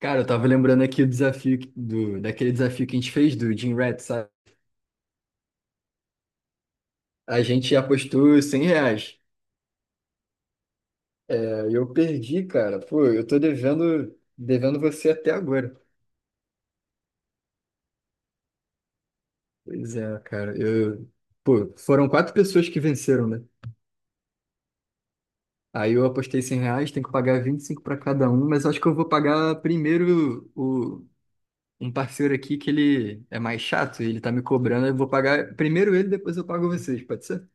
Cara, eu tava lembrando aqui do desafio daquele desafio que a gente fez do Jim Rat, sabe? A gente apostou R$ 100. É, e eu perdi, cara. Pô, eu tô devendo você até agora. Pois é, cara. Pô, foram 4 pessoas que venceram, né? Aí eu apostei R$ 100, tenho que pagar 25 para cada um, mas acho que eu vou pagar primeiro um parceiro aqui que ele é mais chato, ele tá me cobrando, eu vou pagar primeiro ele, depois eu pago vocês, pode ser?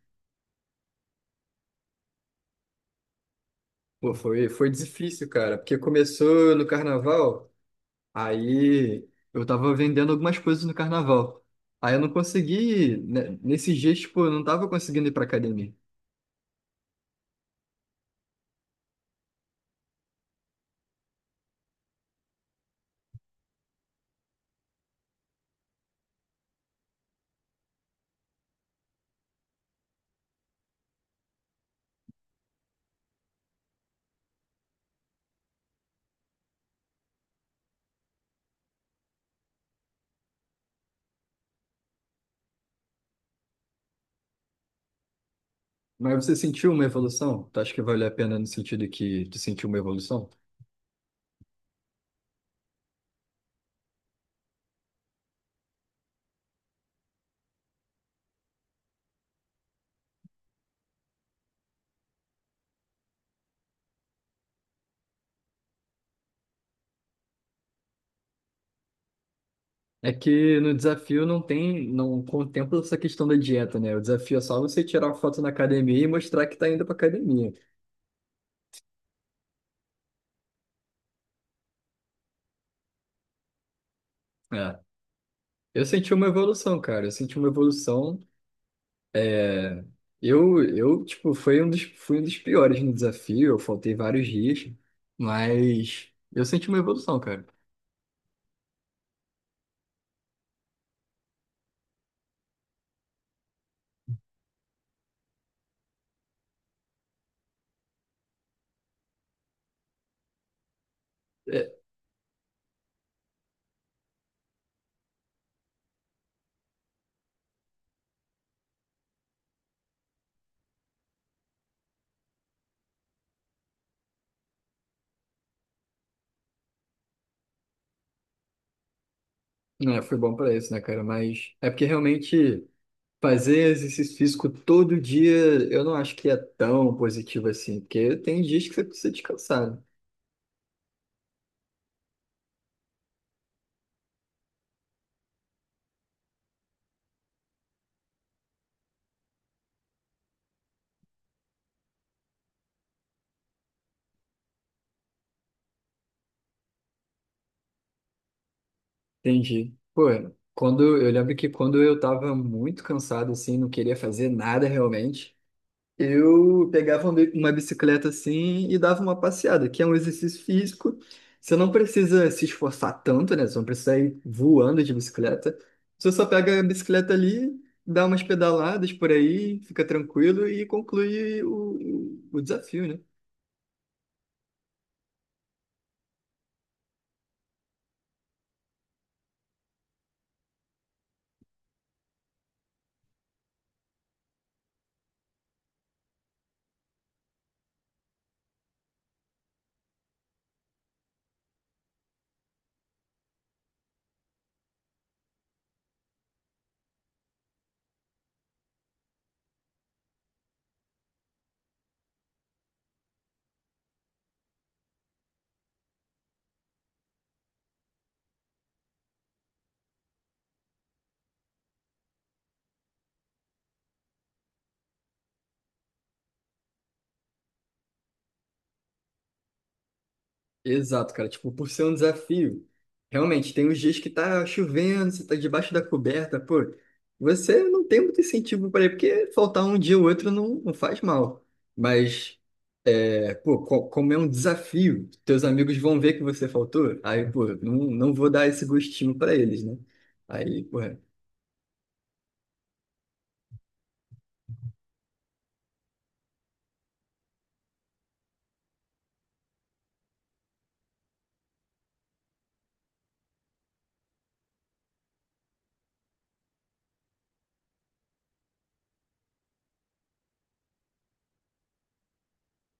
Pô, foi difícil, cara, porque começou no carnaval, aí eu tava vendendo algumas coisas no carnaval. Aí eu não consegui, né, nesses dias, tipo, eu não tava conseguindo ir pra academia. Mas você sentiu uma evolução? Tu acha que valeu a pena no sentido que tu sentiu uma evolução? É que no desafio não tem, não contempla essa questão da dieta, né? O desafio é só você tirar uma foto na academia e mostrar que tá indo pra academia. É. Eu senti uma evolução, cara. Eu senti uma evolução. Eu, tipo, foi um dos, fui um dos piores no desafio, eu faltei vários dias, mas eu senti uma evolução, cara. É, né, foi bom pra isso, né, cara? Mas é porque realmente fazer exercício físico todo dia, eu não acho que é tão positivo assim, porque tem dias que você precisa descansar, né? Entendi. Pô, quando, eu lembro que quando eu tava muito cansado, assim, não queria fazer nada realmente, eu pegava uma bicicleta assim e dava uma passeada, que é um exercício físico. Você não precisa se esforçar tanto, né? Você não precisa ir voando de bicicleta. Você só pega a bicicleta ali, dá umas pedaladas por aí, fica tranquilo e conclui o desafio, né? Exato, cara. Tipo, por ser um desafio, realmente, tem uns dias que tá chovendo, você tá debaixo da coberta, pô. Você não tem muito incentivo para ir, porque faltar um dia ou outro não, não faz mal. Mas é, pô, como é um desafio, teus amigos vão ver que você faltou, aí, pô, não, não vou dar esse gostinho pra eles, né? Aí, pô. É,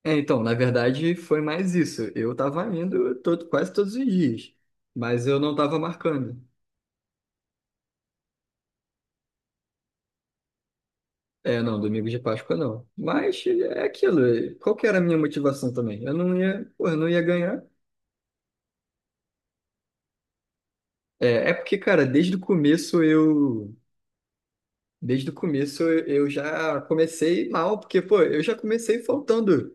então, na verdade, foi mais isso. Eu tava indo todo, quase todos os dias, mas eu não tava marcando. É, não, domingo de Páscoa não. Mas é aquilo, é, qual que era a minha motivação também? Eu não ia, pô, eu não ia ganhar. É, é porque, cara, desde o começo eu. Desde o começo eu já comecei mal, porque, pô, eu já comecei faltando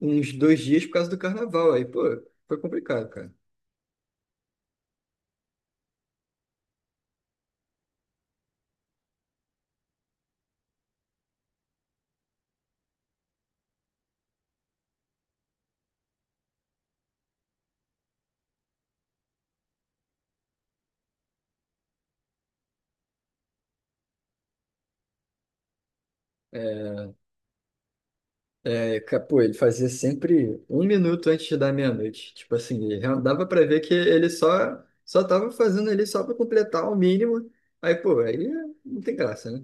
uns 2 dias por causa do carnaval. Aí, pô, foi complicado, cara. É, é, pô, ele fazia sempre 1 minuto antes da meia-noite. Tipo assim, dava pra ver que ele só tava fazendo ali só pra completar o mínimo. Aí, pô, aí não tem graça, né?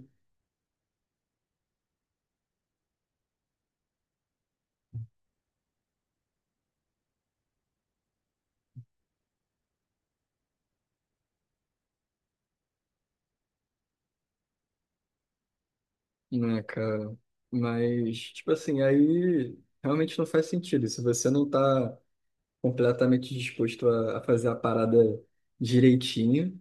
Né, cara? Mas, tipo assim, aí realmente não faz sentido. Se você não tá completamente disposto a fazer a parada direitinho.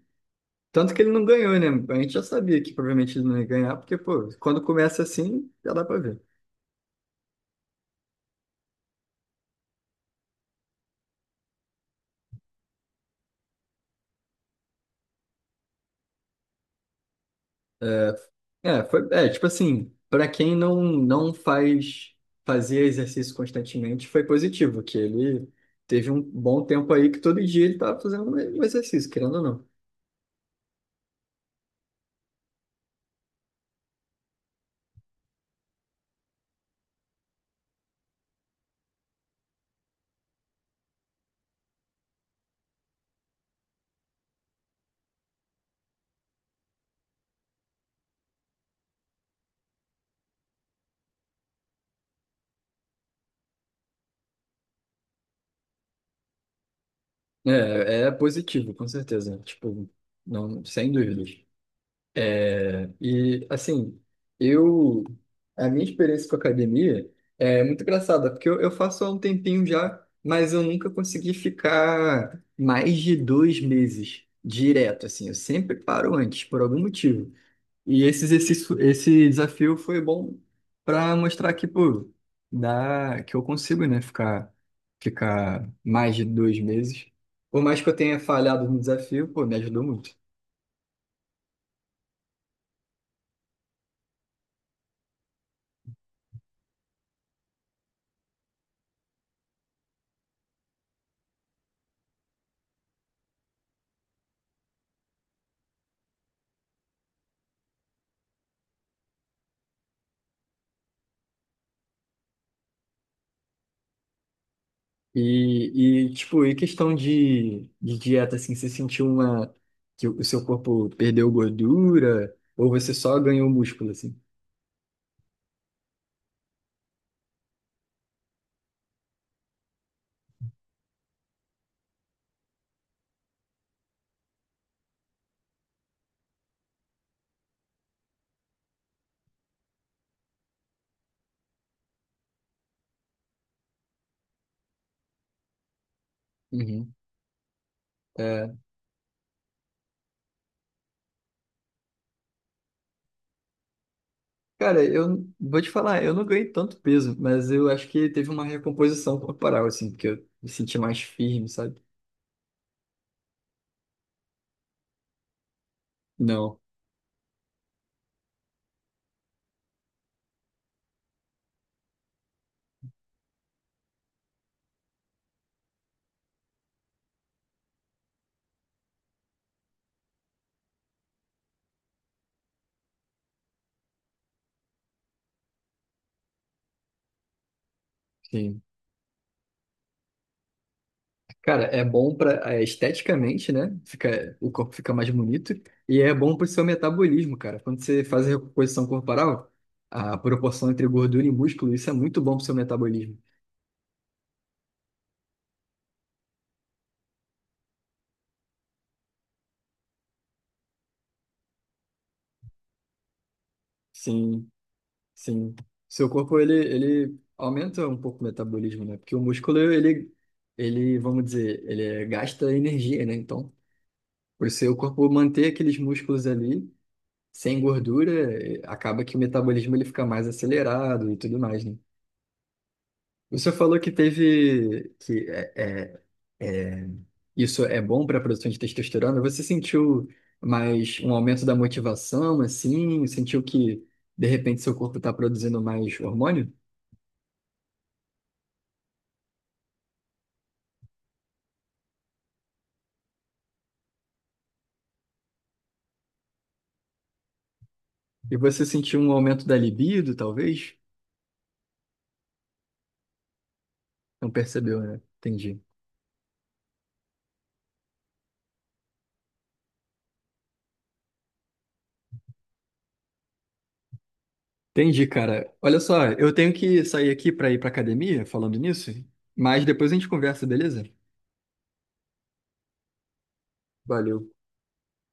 Tanto que ele não ganhou, né? A gente já sabia que provavelmente ele não ia ganhar, porque, pô, quando começa assim, já dá pra ver. É, é, foi, é, tipo assim, pra quem não fazia exercício constantemente, foi positivo, que ele teve um bom tempo aí que todo dia ele tava fazendo um exercício, querendo ou não. É, é positivo, com certeza. Tipo, não, sem dúvidas. E, assim, eu... A minha experiência com academia é muito engraçada, porque eu faço há um tempinho já, mas eu nunca consegui ficar mais de 2 meses direto, assim. Eu sempre paro antes, por algum motivo. E esse exercício, esse desafio foi bom para mostrar que, pô, dá, que eu consigo, né, ficar, ficar mais de 2 meses. Por mais que eu tenha falhado no desafio, pô, me ajudou muito. E, tipo, e questão de dieta, assim, você sentiu uma, que o seu corpo perdeu gordura ou você só ganhou músculo, assim? Uhum. É, cara, eu vou te falar, eu não ganhei tanto peso, mas eu acho que teve uma recomposição corporal, assim, porque eu me senti mais firme, sabe? Não. Sim. Cara, é bom para esteticamente, né? Fica, o corpo fica mais bonito e é bom para o seu metabolismo, cara. Quando você faz a recomposição corporal, a proporção entre gordura e músculo, isso é muito bom para o seu metabolismo. Sim, sim. Seu corpo ele aumenta um pouco o metabolismo, né? Porque o músculo ele, vamos dizer, gasta energia, né? Então, o seu corpo manter aqueles músculos ali sem gordura, acaba que o metabolismo ele fica mais acelerado e tudo mais, né? Você falou que teve que é, é, isso é bom para a produção de testosterona. Você sentiu mais um aumento da motivação, assim? Sentiu que de repente seu corpo está produzindo mais hormônio? E você sentiu um aumento da libido, talvez? Não percebeu, né? Entendi. Entendi, cara. Olha só, eu tenho que sair aqui para ir para academia, falando nisso, mas depois a gente conversa, beleza? Valeu.